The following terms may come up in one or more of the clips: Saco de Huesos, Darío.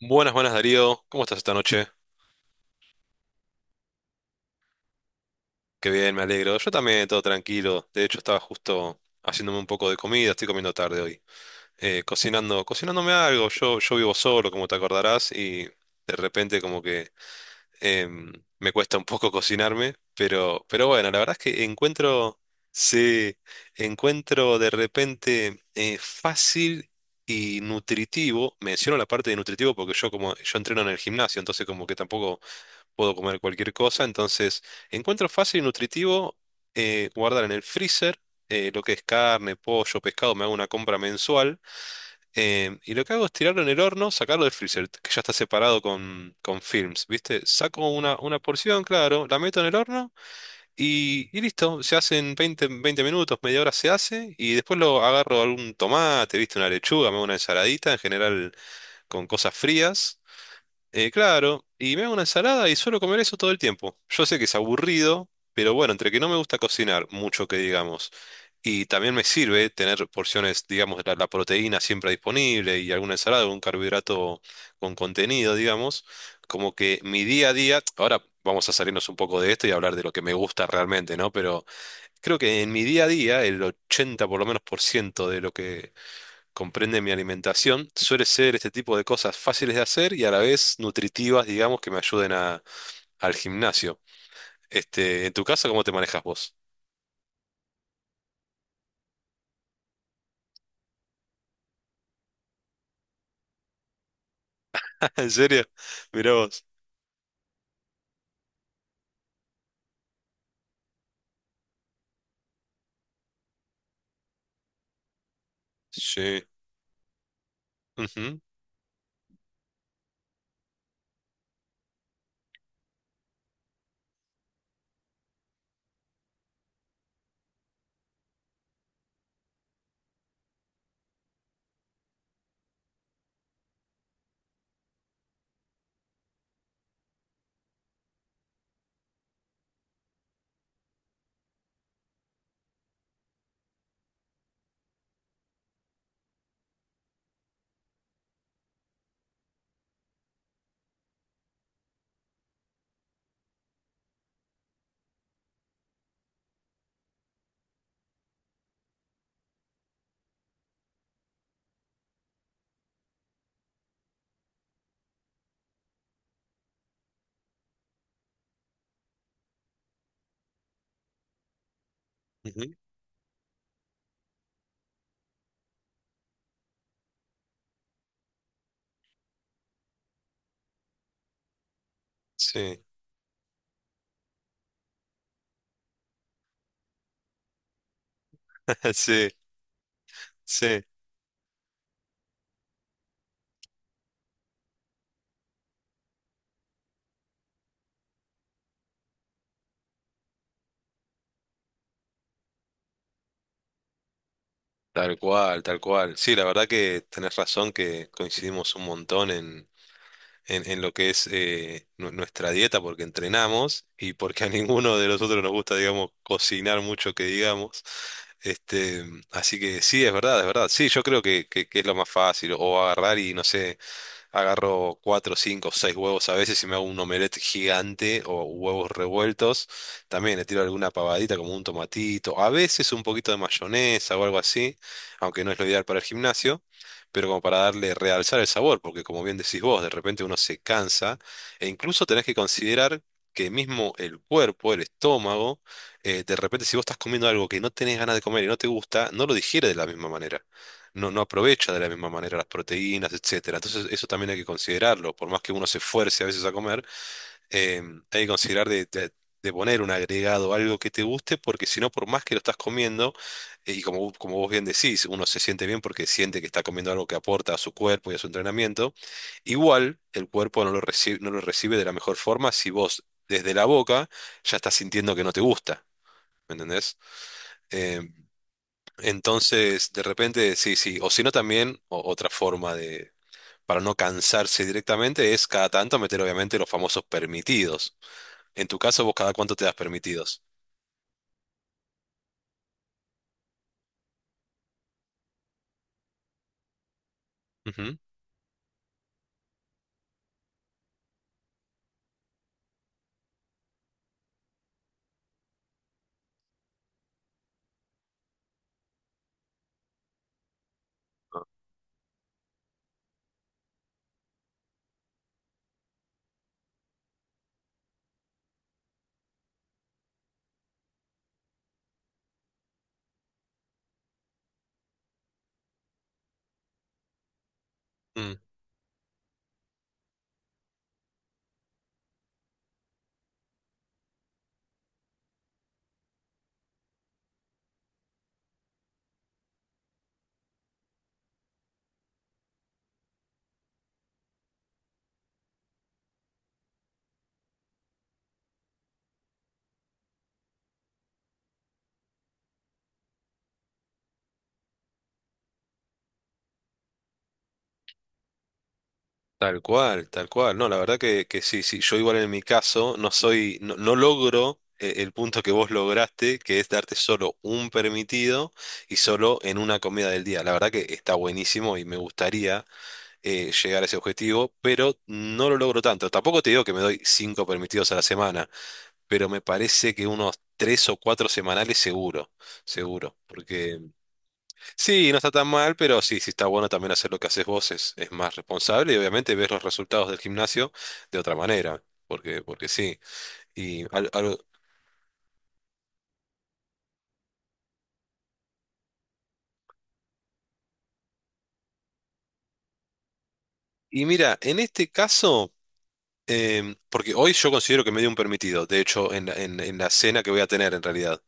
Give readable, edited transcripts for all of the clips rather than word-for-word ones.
Buenas, buenas Darío, ¿cómo estás esta noche? Qué bien, me alegro. Yo también, todo tranquilo. De hecho, estaba justo haciéndome un poco de comida, estoy comiendo tarde hoy. Cocinándome algo. Yo vivo solo, como te acordarás, y de repente como que em, me cuesta un poco cocinarme, pero bueno, la verdad es que sí, encuentro de repente fácil y nutritivo. Menciono la parte de nutritivo porque yo entreno en el gimnasio, entonces como que tampoco puedo comer cualquier cosa, entonces encuentro fácil y nutritivo guardar en el freezer lo que es carne, pollo, pescado, me hago una compra mensual y lo que hago es tirarlo en el horno, sacarlo del freezer, que ya está separado con films, ¿viste? Saco una porción, claro, la meto en el horno y listo, se hace en veinte minutos, media hora se hace y después lo agarro algún tomate, ¿viste? Una lechuga, me hago una ensaladita, en general con cosas frías. Claro, y me hago una ensalada y suelo comer eso todo el tiempo. Yo sé que es aburrido, pero bueno, entre que no me gusta cocinar mucho que digamos, y también me sirve tener porciones, digamos, la proteína siempre disponible y alguna ensalada, algún carbohidrato con contenido, digamos. Como que mi día a día, ahora vamos a salirnos un poco de esto y hablar de lo que me gusta realmente, ¿no? Pero creo que en mi día a día, el 80 por lo menos por ciento de lo que comprende mi alimentación, suele ser este tipo de cosas fáciles de hacer y a la vez nutritivas, digamos, que me ayuden a, al gimnasio. ¿En tu casa cómo te manejas vos? ¿En serio? Mirá vos. Sí. Ujú, ujú. Sí. Sí, sí. Tal cual, tal cual. Sí, la verdad que tenés razón que coincidimos un montón en, en lo que es nuestra dieta porque entrenamos y porque a ninguno de nosotros nos gusta, digamos, cocinar mucho que digamos. Este, Así que sí, es verdad, es verdad. Sí, yo creo que, que es lo más fácil, o agarrar y no sé, agarro cuatro, cinco, seis huevos a veces y me hago un omelette gigante o huevos revueltos. También le tiro alguna pavadita como un tomatito, a veces un poquito de mayonesa o algo así, aunque no es lo ideal para el gimnasio, pero como para darle, realzar el sabor, porque como bien decís vos, de repente uno se cansa e incluso tenés que considerar que mismo el cuerpo, el estómago, de repente, si vos estás comiendo algo que no tenés ganas de comer y no te gusta, no lo digiere de la misma manera, no no aprovecha de la misma manera las proteínas, etcétera. Entonces, eso también hay que considerarlo. Por más que uno se esfuerce a veces a comer, eh, hay que considerar de poner un agregado, algo que te guste, porque si no, por más que lo estás comiendo, y como, como vos bien decís, uno se siente bien porque siente que está comiendo algo que aporta a su cuerpo y a su entrenamiento, igual el cuerpo no lo recibe, no lo recibe de la mejor forma si vos desde la boca ya estás sintiendo que no te gusta. ¿Me entendés? Eh, entonces, de repente, sí, sí. O si no, también otra forma, de, para no cansarse directamente, es cada tanto meter, obviamente, los famosos permitidos. En tu caso, vos, ¿cada cuánto te das permitidos? Ujú. Mm. Tal cual, tal cual. No, la verdad que sí, sí. Yo igual en mi caso no soy, no, no logro el punto que vos lograste, que es darte solo un permitido y solo en una comida del día. La verdad que está buenísimo y me gustaría. Llegar a ese objetivo, pero no lo logro tanto. Tampoco te digo que me doy cinco permitidos a la semana, pero me parece que unos tres o cuatro semanales seguro, seguro. Porque sí, no está tan mal, pero sí, sí está bueno también hacer lo que haces vos, es más responsable y obviamente ves los resultados del gimnasio de otra manera, porque, porque sí. Y, al- al- y mira, en este caso... porque hoy yo considero que me dio un permitido, de hecho, en la, en la cena que voy a tener en realidad.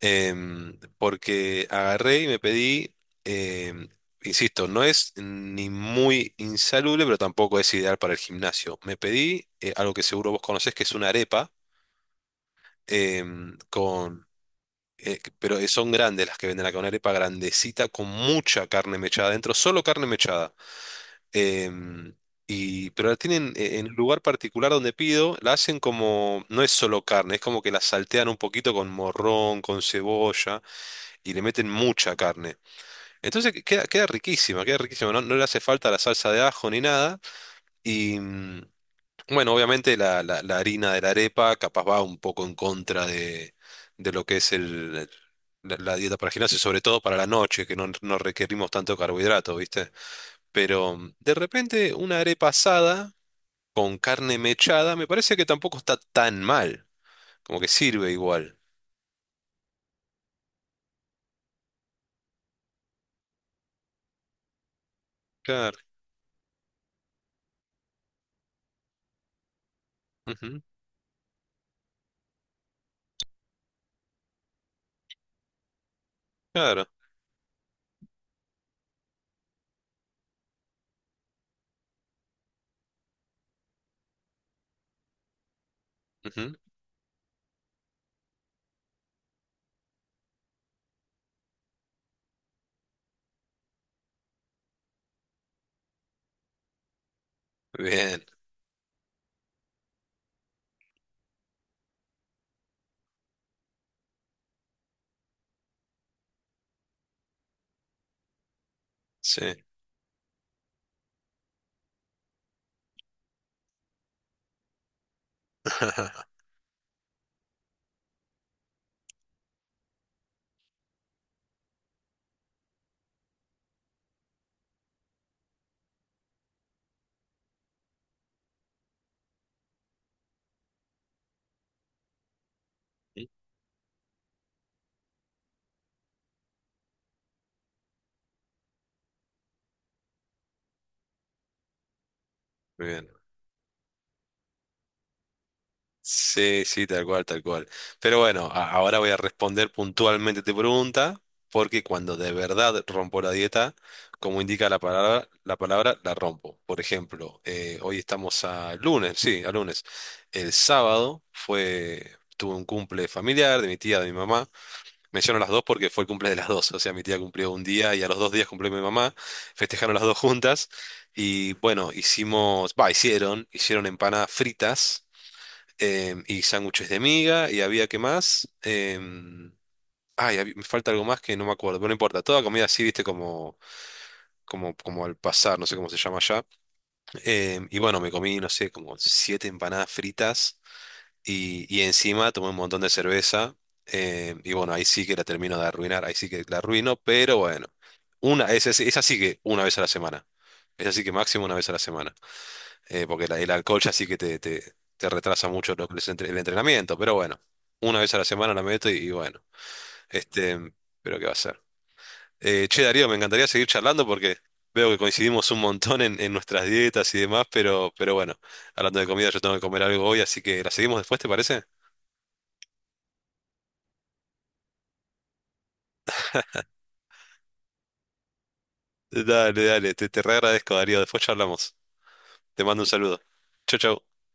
Porque agarré y me pedí, em, insisto, no es ni muy insalubre, pero tampoco es ideal para el gimnasio. Me pedí algo que seguro vos conocés, que es una arepa, em, con, pero son grandes las que venden acá, una arepa grandecita con mucha carne mechada adentro, solo carne mechada. Em, pero la tienen en un lugar particular donde pido, la hacen como, no es solo carne, es como que la saltean un poquito con morrón, con cebolla y le meten mucha carne. Entonces queda riquísima, queda riquísima. No, no le hace falta la salsa de ajo ni nada. Y bueno, obviamente la, la harina de la arepa capaz va un poco en contra de lo que es el, la dieta para el gimnasio, sobre todo para la noche, que no, no requerimos tanto carbohidrato, ¿viste? Pero de repente una arepa asada con carne mechada me parece que tampoco está tan mal. Como que sirve igual. Claro. Ujú. Claro. Ujú. Bien. Sí. Muy bien. Sí, sí, tal cual, tal cual. Pero bueno, ahora voy a responder puntualmente tu pregunta, porque cuando de verdad rompo la dieta, como indica la palabra, la palabra, la rompo. Por ejemplo, hoy estamos a lunes, sí, a lunes. El sábado fue, tuve un cumple familiar de mi tía, de mi mamá. Menciono las dos porque fue el cumple de las dos. O sea, mi tía cumplió un día y a los 2 días cumplió mi mamá. Festejaron las dos juntas. Y bueno, hicimos, va, hicieron empanadas fritas y sándwiches de miga, y había que más. Ay, me falta algo más que no me acuerdo, pero no importa, toda comida así, viste, como, como, como al pasar, no sé cómo se llama allá. Y bueno, me comí, no sé, como siete empanadas fritas, y encima tomé un montón de cerveza. Y bueno, ahí sí que la termino de arruinar, ahí sí que la arruino, pero bueno, es así que una vez a la semana. Es así que máximo una vez a la semana, porque el alcohol ya sí que te, te retrasa mucho lo que es el entrenamiento, pero bueno, una vez a la semana la meto y bueno, este, pero qué va a ser. Che, Darío, me encantaría seguir charlando porque veo que coincidimos un montón en, nuestras dietas y demás, pero bueno, hablando de comida, yo tengo que comer algo hoy, así que la seguimos después, ¿te parece? Dale, dale, te re agradezco, Darío, después charlamos. Te mando un saludo. Chau, chau.